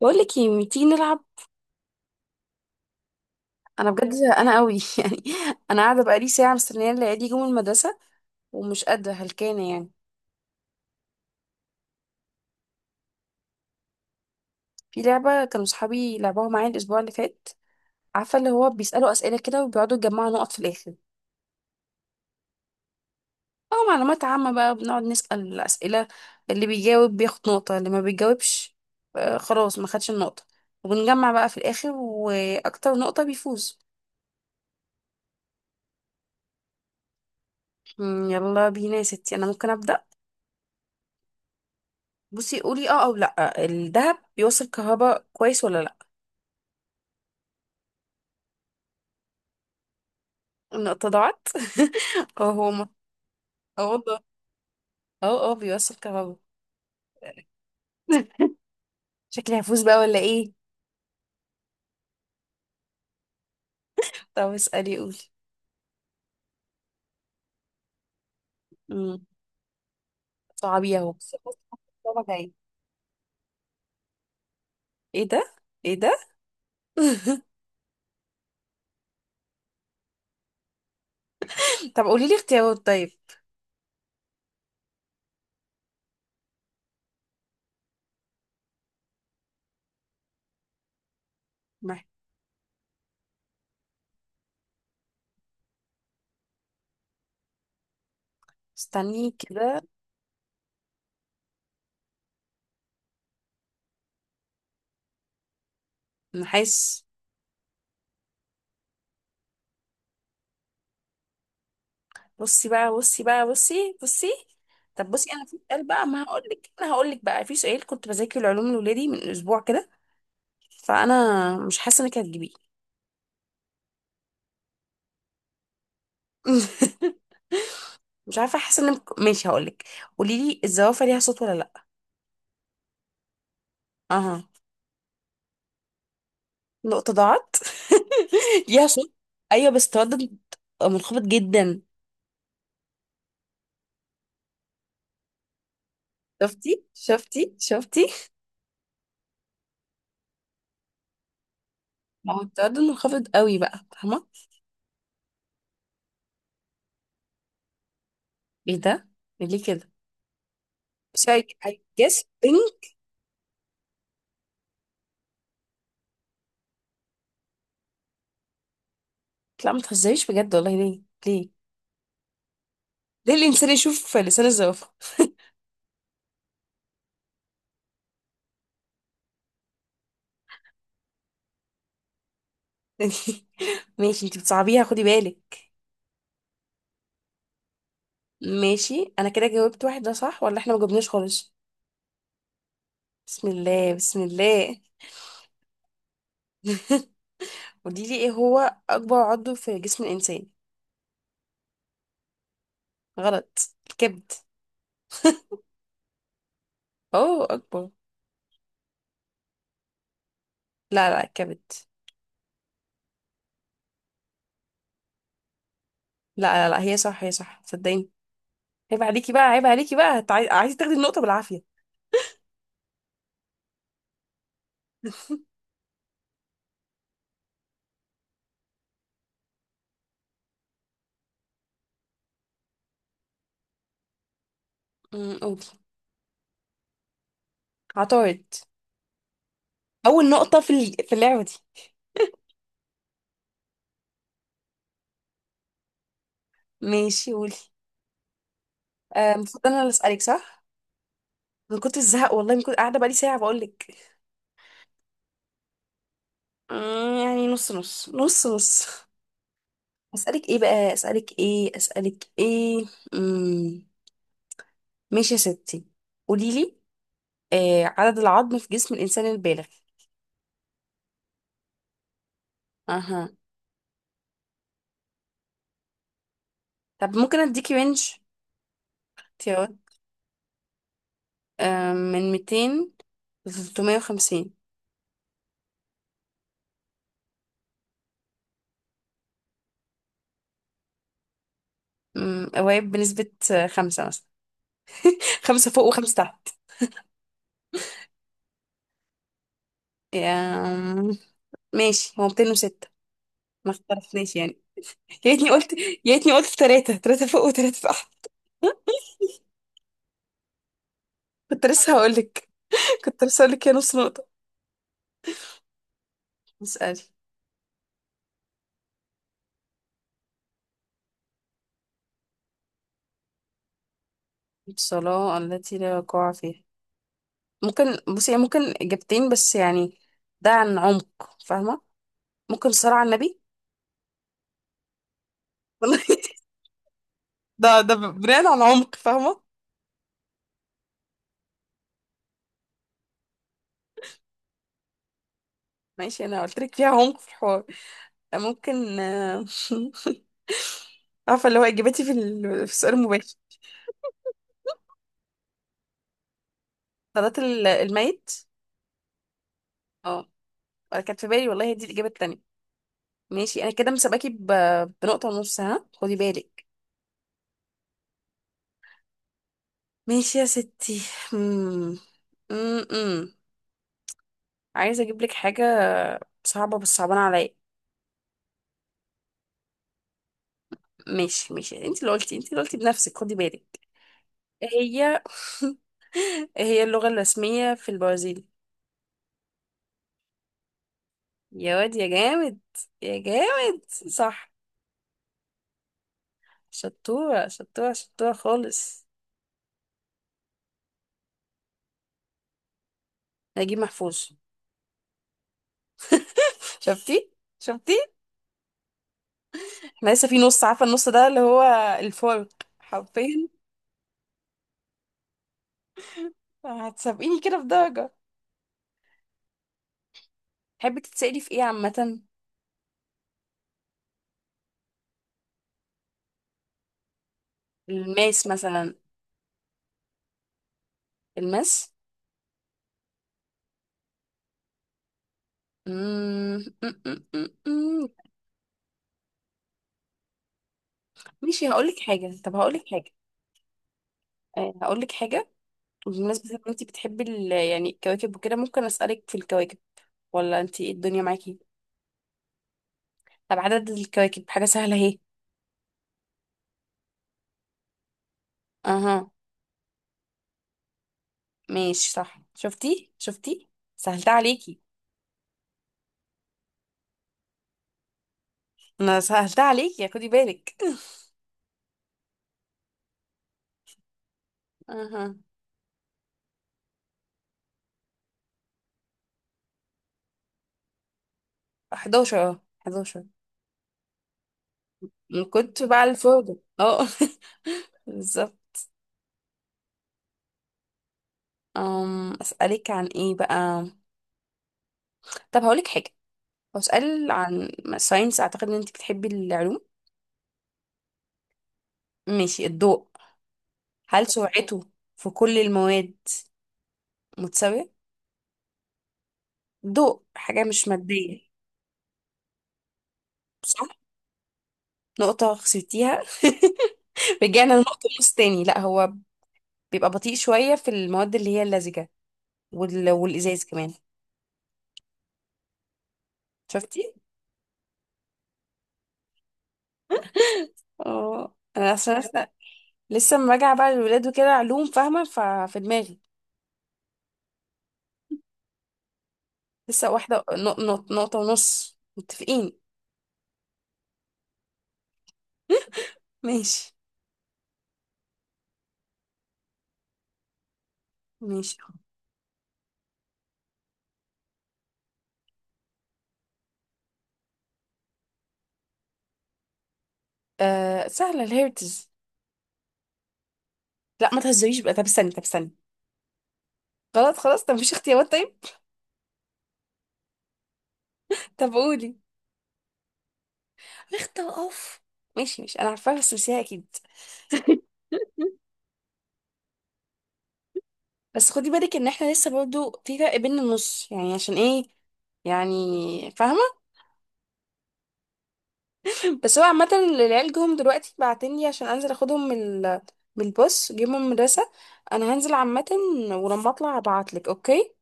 بقول لك ايه ما تيجي نلعب. انا بجد زهقانه قوي يعني. انا قاعده بقالي ساعه مستنيه العيال يجوا من المدرسه، ومش قادره هلكانه يعني. في لعبه كانوا صحابي لعبوها معايا الاسبوع اللي فات. عارفه اللي هو بيسالوا اسئله كده، وبيقعدوا يجمعوا نقط في الاخر. او معلومات عامه بقى، بنقعد نسال الاسئله. اللي بيجاوب بياخد نقطه، اللي ما بيجاوبش آه، خلاص ما خدش النقطه. وبنجمع بقى في الاخر، واكتر نقطه بيفوز. مم، يلا بينا يا ستي، انا ممكن ابدا. بصي، قولي اه او لا، الذهب بيوصل كهرباء كويس ولا لا؟ النقطة ضاعت. اه هو اه والله. اه اه بيوصل كهربا. شكلي هفوز بقى ولا ايه؟ طب اسألي، قولي. امم صعبي اهو، بس بس. الصعبة جاية. ايه ده؟ ايه ده؟ طب قولي لي اختيارات، طيب. مح- استني كده. نحس. بصي بقى، بصي بقى، بصي بصي. طب بصي، انا في سؤال بقى، ما هقول لك انا هقول لك بقى، في سؤال كنت بذاكر العلوم لولادي من اسبوع كده. فانا مش حاسه انك هتجيبيه. مش عارفه، حاسه ان ماشي، هقولك. قولي لي الزوافه ليها صوت ولا لا؟ اها. نقطه ضاعت. ليها صوت. ايوه، بس تردد منخفض جدا. شفتي شفتي شفتي. ما هو التردد منخفض قوي بقى، فاهمه. ايه ده؟ إيه ليه كده؟ بس I guess pink. لا ما تهزريش بجد والله، ليه؟ ليه؟ ليه الانسان يشوف لسان الزوافه؟ ماشي انت بتصعبيها، خدي بالك. ماشي، انا كده جاوبت واحد، ده صح ولا احنا ما جبناش خالص؟ بسم الله، بسم الله. قولي لي، ايه هو اكبر عضو في جسم الانسان؟ غلط. الكبد. اوه، اكبر. لا لا، الكبد. لا لا لا، هي صح، هي صح، صدقيني. عيب عليكي بقى، عيب عليكي بقى، عايزه تاخدي النقطه بالعافيه. قولي. عطارد. اول نقطه في في اللعبه دي. ماشي قولي. آه، المفروض انا اللي اسالك صح. انا كنت الزهق والله، من كنت قاعده بقالي ساعه، بقول لك. يعني نص نص نص نص. اسالك ايه بقى، اسالك ايه، اسالك ايه؟ امم ماشي يا ستي، قولي لي. عدد العظم في جسم الإنسان البالغ؟ أها. طب ممكن أديكي رينج، اختيارات. من 200 ل 350. قوايب بنسبة خمسة مثلا. خمسة فوق وخمسة تحت. آم، ماشي هو 206. ما اختلفناش يعني. يا ريتني قلت. يا ريتني قلت ثلاثة فوق وثلاثة تحت. كنت لسه هقولك. كنت لسه هقولك يا نص نقطة. اسألي. الصلاة التي لا وقوع فيها. ممكن بصي يعني، ممكن إجابتين بس يعني. ده عن عمق فاهمة. ممكن صلاة على النبي. والله. ده بناء على عمق فاهمة. ماشي، انا قلت لك فيها عمق في الحوار. ممكن. عارفة اللي هو اجابتي في في السؤال المباشر. صلاة الميت. اه. انا كانت في بالي والله، دي الإجابة التانية. ماشي، انا كده مسابقاكي بنقطة ونص، ها خدي بالك. ماشي يا ستي. مم. مم. عايزة اجيب لك حاجة صعبة، بس صعبانة عليا. ماشي، ماشي، انت اللي قلتي، انت اللي قلتي بنفسك، خدي بالك. إيه هي إيه هي اللغة الرسمية في البرازيل؟ يا واد يا جامد. يا جامد، صح. شطورة، شطورة، شطورة خالص. نجيب محفوظ. شفتي. شفتي. احنا لسه في نص، عارفة النص ده اللي هو الفرق حرفيا. هتسابقيني كده في درجة. تحبي تتسألي في ايه عامة؟ الماس مثلا. الماس. مم، مم، مم، مم، مم. ماشي هقولك حاجة، طب هقولك حاجة. آه، هقولك حاجة. بمناسبة ان انتي بتحبي يعني الكواكب وكده، ممكن اسألك في الكواكب؟ ولا انتي ايه الدنيا معاكي؟ طب عدد الكواكب، حاجة سهلة اهي. اها. ماشي صح، شفتي شفتي. سهلتها عليكي. انا سهلتها عليكي يعني، خدي بالك. اها. 11. من كنت بقى الفاضي، اه. بالظبط. أسألك عن ايه بقى؟ طب هقولك حاجة، بسأل عن ساينس. اعتقد ان انت بتحبي العلوم. ماشي، الضوء. هل سرعته في كل المواد متساوية؟ ضوء حاجة مش مادية، صح؟ نقطة خسرتيها رجعنا لنقطة النص تاني. لا، هو بيبقى بطيء شوية في المواد اللي هي اللزجة، والإزاز كمان. شفتي. اه، أنا عشان لسه لما راجعة بقى للولاد وكده علوم، فاهمة ففي دماغي. لسه واحدة نقطة ونص متفقين. ماشي، ماشي. سهلة، الهيرتز. لا، ما تهزريش بقى، طب استني، طب استني. خلاص خلاص، طب مفيش اختيارات طيب؟ طب قولي. اختار اوف. ماشي، ماشي، أنا عارفاها بس نسيها أكيد. بس خدي بالك ان احنا لسه برضو في فرق بين النص يعني، عشان ايه؟ يعني فاهمه. بس هو عامه العيال جم دلوقتي، بعتني عشان انزل اخدهم من من الباص، جيبهم من المدرسه. انا هنزل عامه. ولما اطلع ابعتلك، اوكي.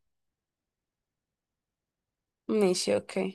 ماشي، اوكي.